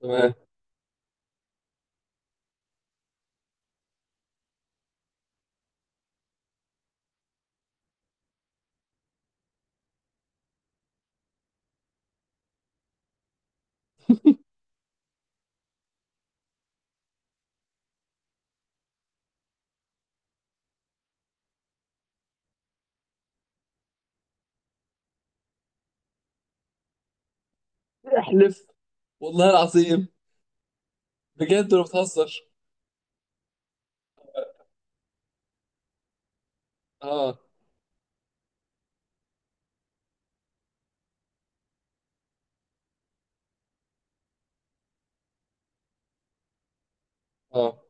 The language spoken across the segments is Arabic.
تمام. احلف والله العظيم، بجد ولا بتهزر؟ اه، اه،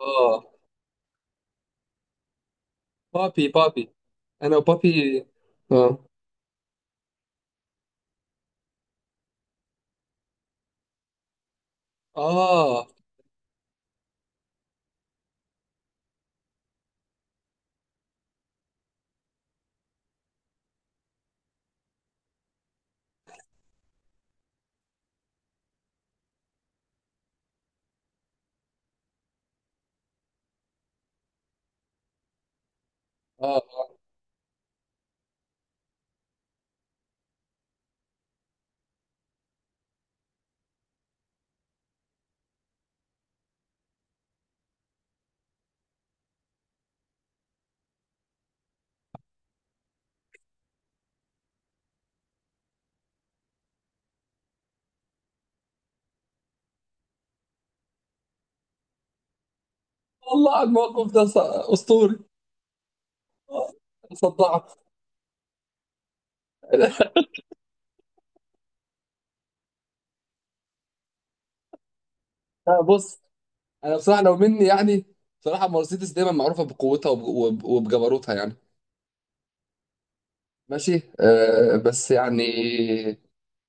اه. بابي بابي، انا وبابي. اه، اه، اه. والله على الموقف ده اسطوري. آه، صدعت. آه، بص، انا بصراحه لو مني، يعني بصراحه مرسيدس دايما معروفه بقوتها وبجبروتها يعني. ماشي آه، بس يعني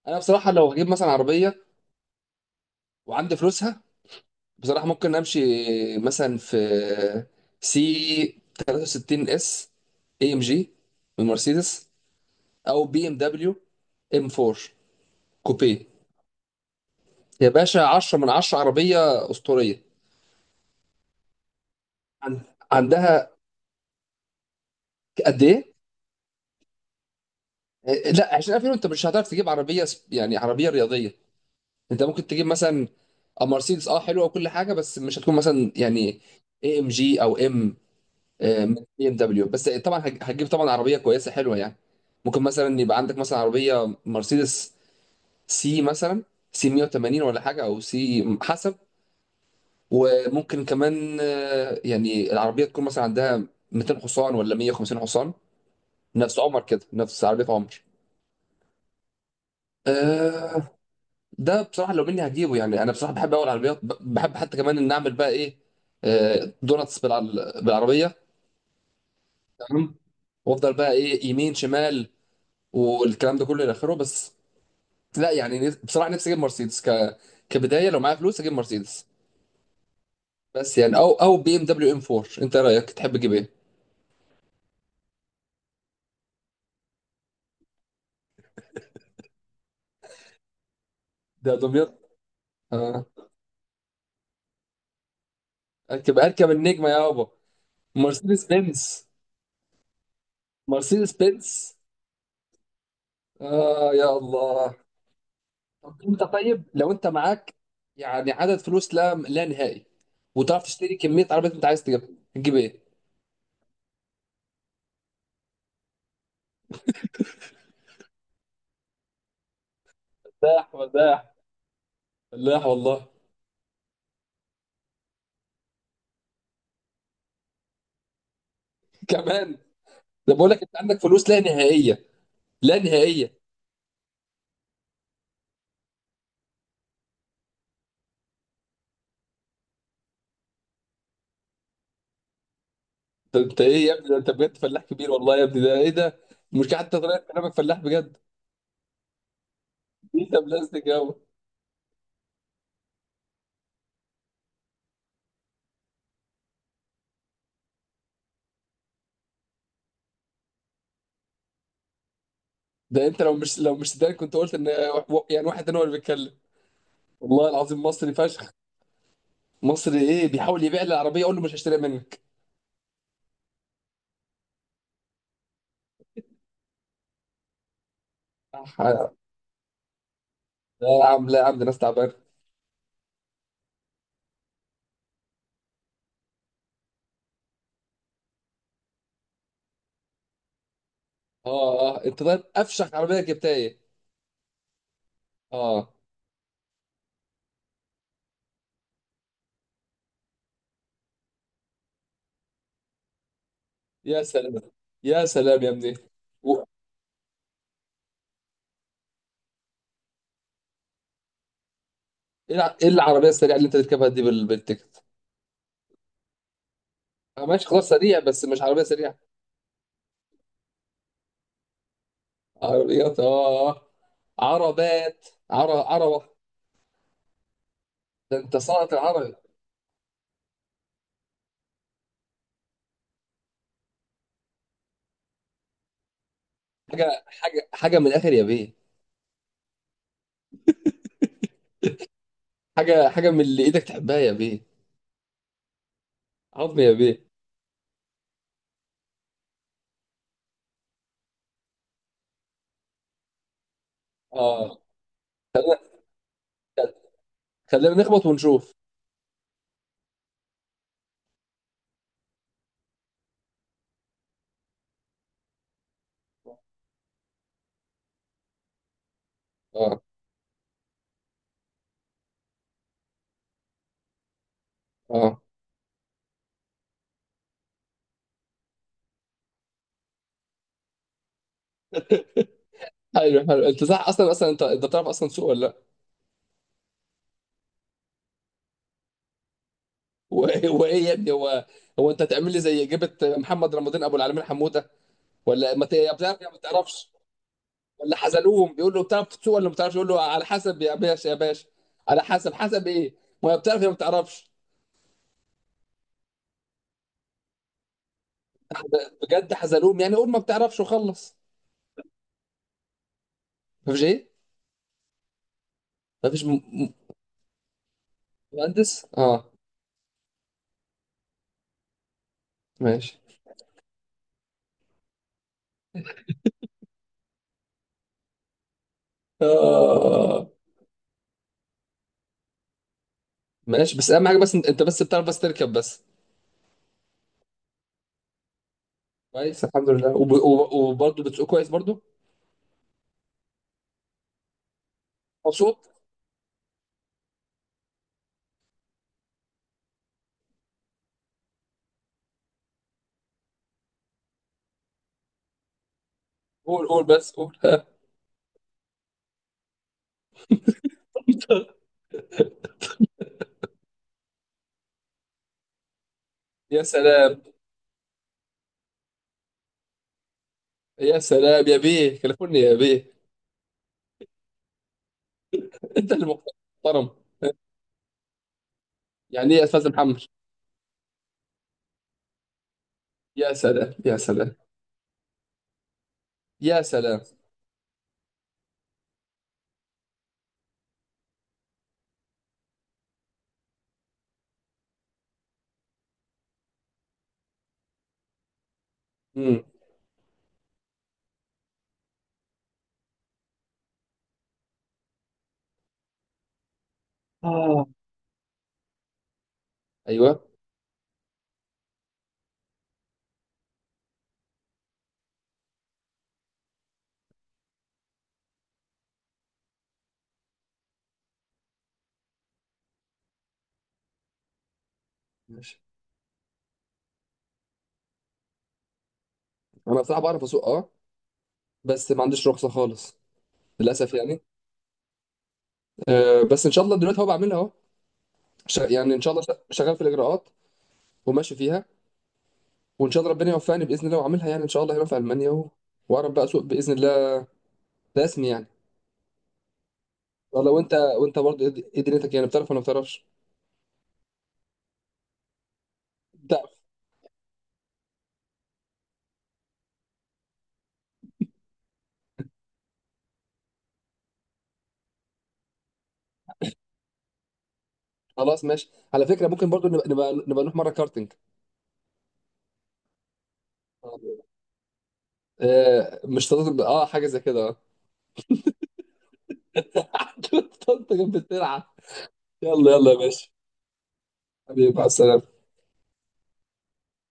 انا بصراحه لو هجيب مثلا عربيه وعندي فلوسها، بصراحة ممكن امشي مثلا في سي 63 اس اي ام جي من مرسيدس، او بي ام دبليو ام 4 كوبيه. يا باشا 10 من 10، عربية أسطورية. عن- عندها قد ايه؟ إيه، لا، 20,000 يورو انت مش هتعرف تجيب عربية يعني عربية رياضية. انت ممكن تجيب مثلا مرسيدس اه حلوة وكل حاجة، بس مش هتكون مثلا يعني اي ام جي او ام. آه، من بي ام دبليو، بس طبعا هتجيب طبعا عربيه كويسه حلوه يعني. ممكن مثلا يبقى عندك مثلا عربيه مرسيدس سي مثلا، سي 180 ولا حاجه، او سي حسب. وممكن كمان آه، يعني العربيه تكون مثلا عندها 200 حصان ولا 150 حصان. نفس عمر كده، نفس عربيه عمر. آه. ده بصراحه لو مني هجيبه يعني. انا بصراحه بحب اول عربيات بحب حتى كمان ان اعمل بقى ايه، آه، دوناتس بالعربيه. تمام. وافضل بقى ايه، يمين شمال، والكلام ده كله الى اخره. بس لا، يعني بصراحه نفسي اجيب مرسيدس كبدايه، لو معايا فلوس اجيب مرسيدس. بس يعني، او بي ام دبليو ام 4، انت رايك تحب تجيب ايه؟ ده دمياط. اه، اركب اركب النجمه يابا. مرسيدس بنز. مرسيدس بنز. اه يا الله. طب انت، طيب لو انت معاك يعني عدد فلوس لا نهائي، وتعرف تشتري كميه عربيات انت عايز تجيبها، تجيب ايه؟ فلاح ولاح، فلاح والله. كمان؟ ده بقول لك انت عندك فلوس لا نهائيه، لا نهائيه. طب انت ايه يا ابني؟ ده انت بجد فلاح كبير والله يا ابني، ده ايه ده؟ مش حتى طريقه كلامك فلاح بجد. انت بلاستيك يابا. ده انت لو مش سوداني كنت قلت ان يعني واحد تاني هو اللي بيتكلم. والله العظيم مصري فشخ. مصري ايه، بيحاول يبيع لي العربيه اقول له مش هشتريها منك. صح. لا يا عم، لا يا عم، ده ناس تعبانه. اه، اه. انت طيب، افشخ عربيه جبتها ايه؟ اه. يا سلام. يا سلام يا ابني. و- ايه ايه العربيه السريعه اللي انت تركبها دي بالتيكت؟ آه، ماشي خلاص، سريع بس مش عربيه سريعه. عربيات اه، عربات، عربة. ده انت صنعة العربي. حاجة حاجة حاجة من الآخر يا بيه. حاجة حاجة من اللي ايدك تحبها يا بيه. عظم يا بيه. اه. خلينا، خلينا نخبط ونشوف. اه، اه. حلو حلو، انت صح. اصلا اصلا، انت تعرف اصلا سوق ولا لا؟ هو إيه، هو ايه يا ابني، هو، هو انت هتعمل لي زي جبت محمد رمضان ابو العالمين حموده، ولا ما ت- يا بتعرف يا ما تعرفش؟ اللي حزلوهم بيقول له بتعرف تسوق ولا ما بتعرفش، يقول له على حسب يا باشا، يا باشا على حسب. حسب ايه، ما هي بتعرف يا ما بتعرفش. بجد حزلوهم، يعني قول ما بتعرفش وخلص. مفيش ايه؟ مفيش مهندس. اه. ماشي. آه ماشي، بس اهم حاجه بس انت بس بتعرف بس تركب بس. كويس، الحمد لله. وبرضه بتسوق كويس برضه؟ مبسوط. قول قول بس قول. يا سلام، يا سلام يا بيه، كلفوني يا بيه. انت اللي محترم. يعني ايه يا استاذ محمد؟ يا سلام. يا سلام. يا سلام. امم. اه. ايوه. ماشي. انا بصراحه بعرف اسوق اه، بس ما عنديش رخصه خالص للاسف يعني. آه، بس ان شاء الله دلوقتي هو بعملها اهو. يعني ان شاء الله شغال في الاجراءات وماشي فيها، وان شاء الله ربنا يوفقني باذن الله واعملها يعني ان شاء الله هنا في المانيا، و... واعرف بقى اسوق باذن الله، رسمي يعني. والله، وانت برضه ايه، إيه دنيتك يعني، بتعرف ولا ما بتعرفش؟ بتعرف. خلاص ماشي، على فكره ممكن برضه نبقى نروح مره كارتينج. آه، مش تنطق اه، حاجه زي كده اه. تنطق بالسرعه. يلا يلا يا باشا. حبيبي مع السلامة.